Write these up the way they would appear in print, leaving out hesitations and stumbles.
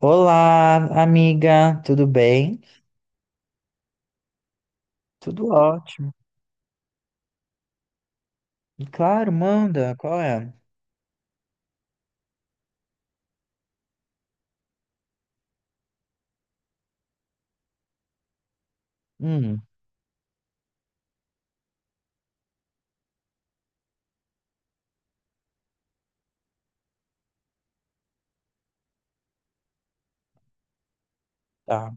Olá, amiga, tudo bem? Tudo ótimo. Claro, manda, qual é? Hum, tá.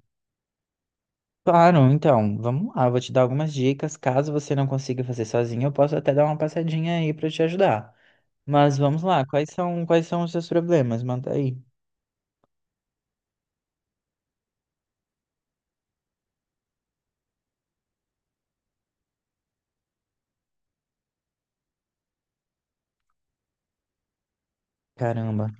Claro, então, vamos lá, vou te dar algumas dicas. Caso você não consiga fazer sozinho, eu posso até dar uma passadinha aí pra te ajudar. Mas vamos lá, quais são os seus problemas? Manda aí. Caramba,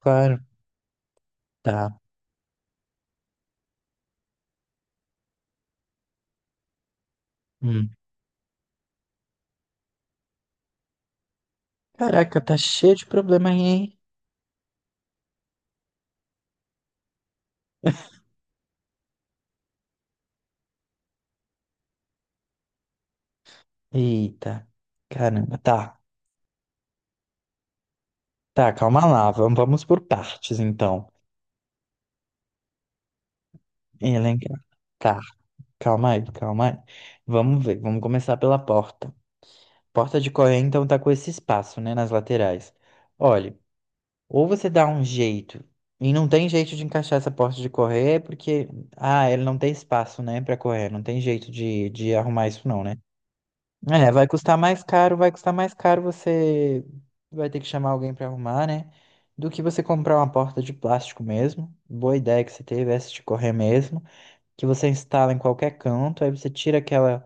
claro, tá. Hum. Caraca, tá cheio de problema aí, hein? Eita, caramba, tá. Tá, calma lá, vamos por partes, então. Elencar. Tá. Calma aí, calma aí. Vamos ver, vamos começar pela porta. Porta de Coreia, então, tá com esse espaço, né, nas laterais. Olha, ou você dá um jeito, e não tem jeito de encaixar essa porta de Coreia, porque, ah, ela não tem espaço, né, pra correr, não tem jeito de arrumar isso não, né? É, vai custar mais caro, vai custar mais caro você vai ter que chamar alguém pra arrumar, né, do que você comprar uma porta de plástico mesmo. Boa ideia que você teve, essa de correr mesmo, que você instala em qualquer canto, aí você tira aquela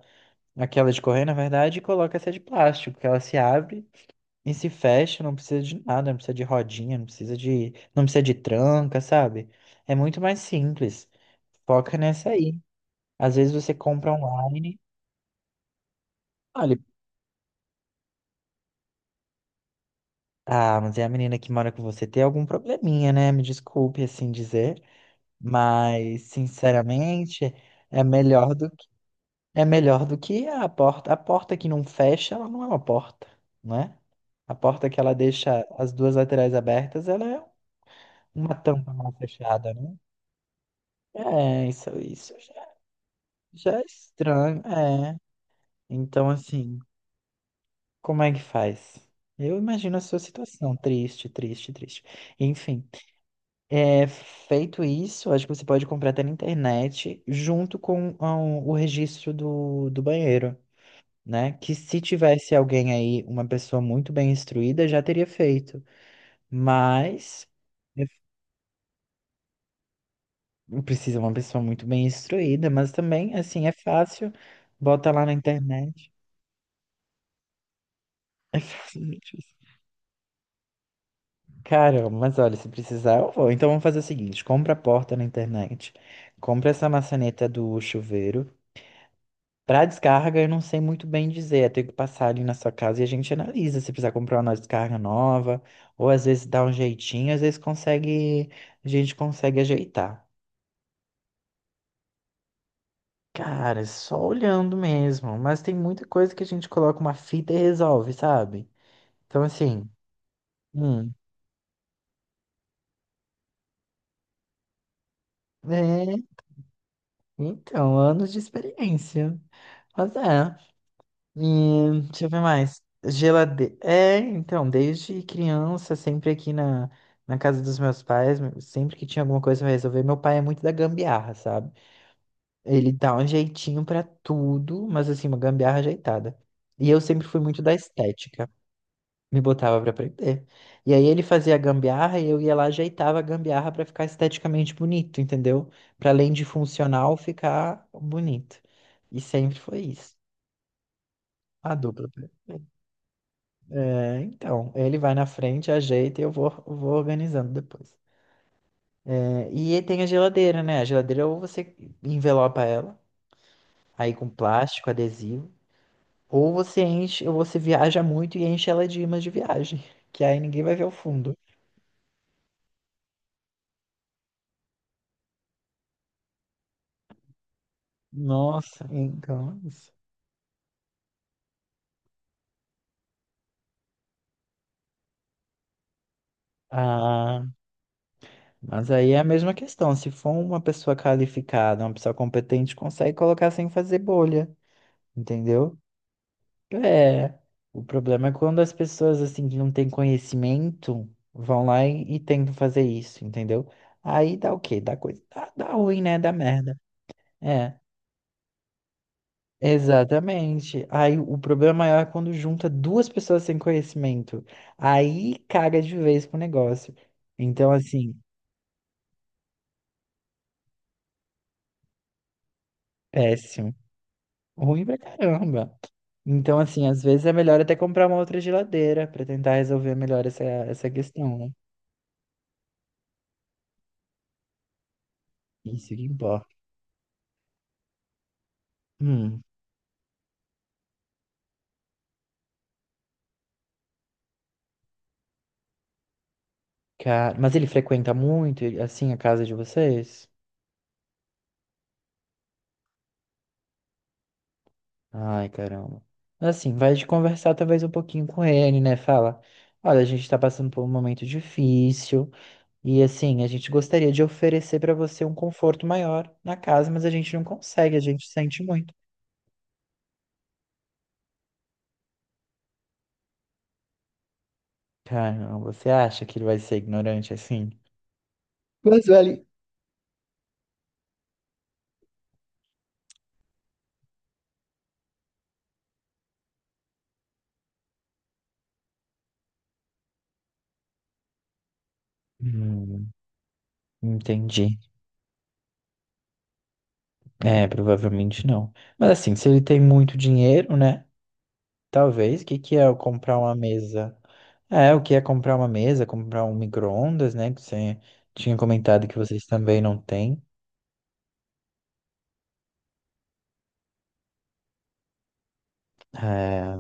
aquela de correr, na verdade, e coloca essa de plástico, que ela se abre e se fecha, não precisa de nada, não precisa de rodinha, não precisa de tranca, sabe? É muito mais simples. Foca nessa aí. Às vezes você compra online. Olha, ah, mas é a menina que mora com você tem algum probleminha, né? Me desculpe assim dizer, mas sinceramente é melhor do É melhor do que a porta. A porta que não fecha, ela não é uma porta, né? A porta que ela deixa as duas laterais abertas, ela é uma tampa mal fechada, né? É, isso já, já é estranho. É. Então, assim, como é que faz? Eu imagino a sua situação. Triste, triste, triste. Enfim, é, feito isso, acho que você pode comprar até na internet, junto com ah, o registro do banheiro. Né? Que se tivesse alguém aí, uma pessoa muito bem instruída, já teria feito. Mas é- precisa uma pessoa muito bem instruída, mas também, assim, é fácil. Bota lá na internet. É facilmente isso. Caramba, mas olha, se precisar, eu vou. Então vamos fazer o seguinte: compra a porta na internet, compra essa maçaneta do chuveiro. Pra descarga, eu não sei muito bem dizer. Eu tenho que passar ali na sua casa e a gente analisa se precisar comprar uma descarga nova, ou às vezes dá um jeitinho, às vezes consegue, a gente consegue ajeitar. Cara, é só olhando mesmo, mas tem muita coisa que a gente coloca uma fita e resolve, sabe? Então, assim, hum, é, então, anos de experiência. Mas é. E, deixa eu ver mais. Geladeira. É, então, desde criança, sempre aqui na, na casa dos meus pais, sempre que tinha alguma coisa pra resolver, meu pai é muito da gambiarra, sabe? Ele dá um jeitinho pra tudo, mas assim, uma gambiarra ajeitada. E eu sempre fui muito da estética, me botava pra aprender. E aí ele fazia a gambiarra e eu ia lá, ajeitava a gambiarra pra ficar esteticamente bonito, entendeu? Pra além de funcional, ficar bonito. E sempre foi isso. A dupla. É, então, ele vai na frente, ajeita e eu vou, vou organizando depois. É, e aí tem a geladeira, né? A geladeira ou você envelopa ela, aí com plástico, adesivo, ou você enche, ou você viaja muito e enche ela de imãs de viagem, que aí ninguém vai ver o fundo. Nossa, então é isso. Ah, mas aí é a mesma questão. Se for uma pessoa qualificada, uma pessoa competente, consegue colocar sem fazer bolha, entendeu? É, o problema é quando as pessoas assim que não têm conhecimento vão lá e tentam fazer isso, entendeu? Aí dá o quê? Dá coisa, dá ruim, né? Dá merda. É, exatamente. Aí o problema maior é quando junta duas pessoas sem conhecimento. Aí caga de vez pro negócio. Então, assim, péssimo. Ruim pra caramba. Então, assim, às vezes é melhor até comprar uma outra geladeira pra tentar resolver melhor essa, essa questão, né? Isso que importa. Hum. Cara, mas ele frequenta muito, assim, a casa de vocês? Ai, caramba. Mas, assim, vai de conversar talvez um pouquinho com ele, né? Fala, olha, a gente tá passando por um momento difícil e, assim, a gente gostaria de oferecer pra você um conforto maior na casa, mas a gente não consegue, a gente sente muito. Caramba, você acha que ele vai ser ignorante assim? Mas, velho, hum, entendi. É, provavelmente não. Mas assim, se ele tem muito dinheiro, né? Talvez, o que que é eu comprar uma mesa? É, o que é comprar uma mesa, comprar um micro-ondas, né? Que você tinha comentado que vocês também não têm. É,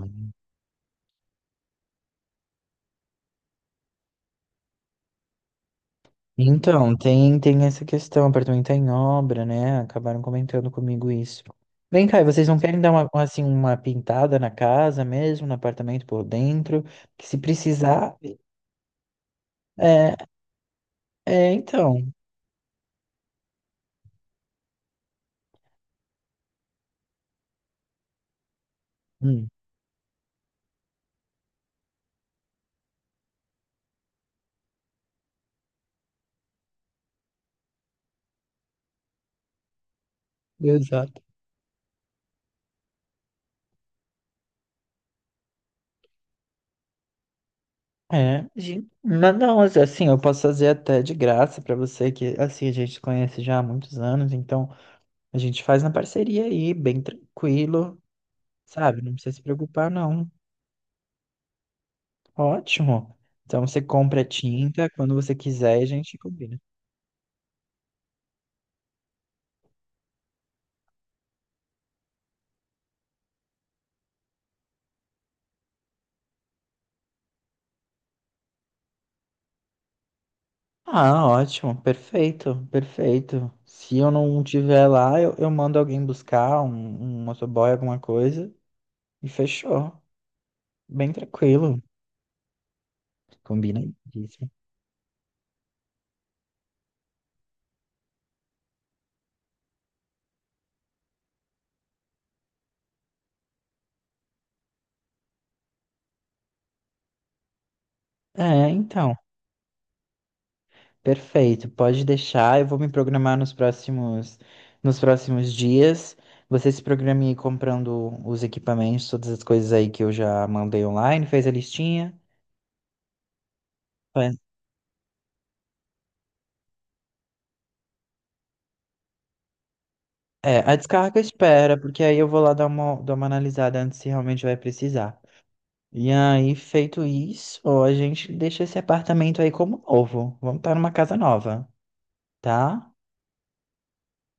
então, tem essa questão, o apartamento tá em obra, né? Acabaram comentando comigo isso. Vem cá, e vocês não querem dar uma, assim, uma pintada na casa mesmo, no apartamento por dentro? Que se precisar. É, é então. Hum, exato. É, gente, mas não, assim, eu posso fazer até de graça pra você, que assim, a gente se conhece já há muitos anos, então. A gente faz na parceria aí, bem tranquilo, sabe? Não precisa se preocupar, não. Ótimo. Então você compra a tinta quando você quiser e a gente combina. Ah, ótimo, perfeito, perfeito. Se eu não tiver lá, eu mando alguém buscar, um motoboy, alguma coisa, e fechou. Bem tranquilo. Combina. Isso. É, então. Perfeito, pode deixar. Eu vou me programar nos próximos dias. Você se programe aí comprando os equipamentos, todas as coisas aí que eu já mandei online, fez a listinha. Faz- É, a descarga espera, porque aí eu vou lá dar uma analisada antes se realmente vai precisar. E aí, feito isso, ó, a gente deixa esse apartamento aí como novo. Vamos estar numa casa nova, tá?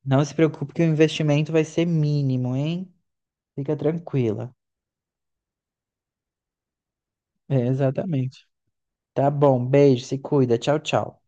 Não se preocupe que o investimento vai ser mínimo, hein? Fica tranquila. É, exatamente. Tá bom, beijo, se cuida. Tchau, tchau.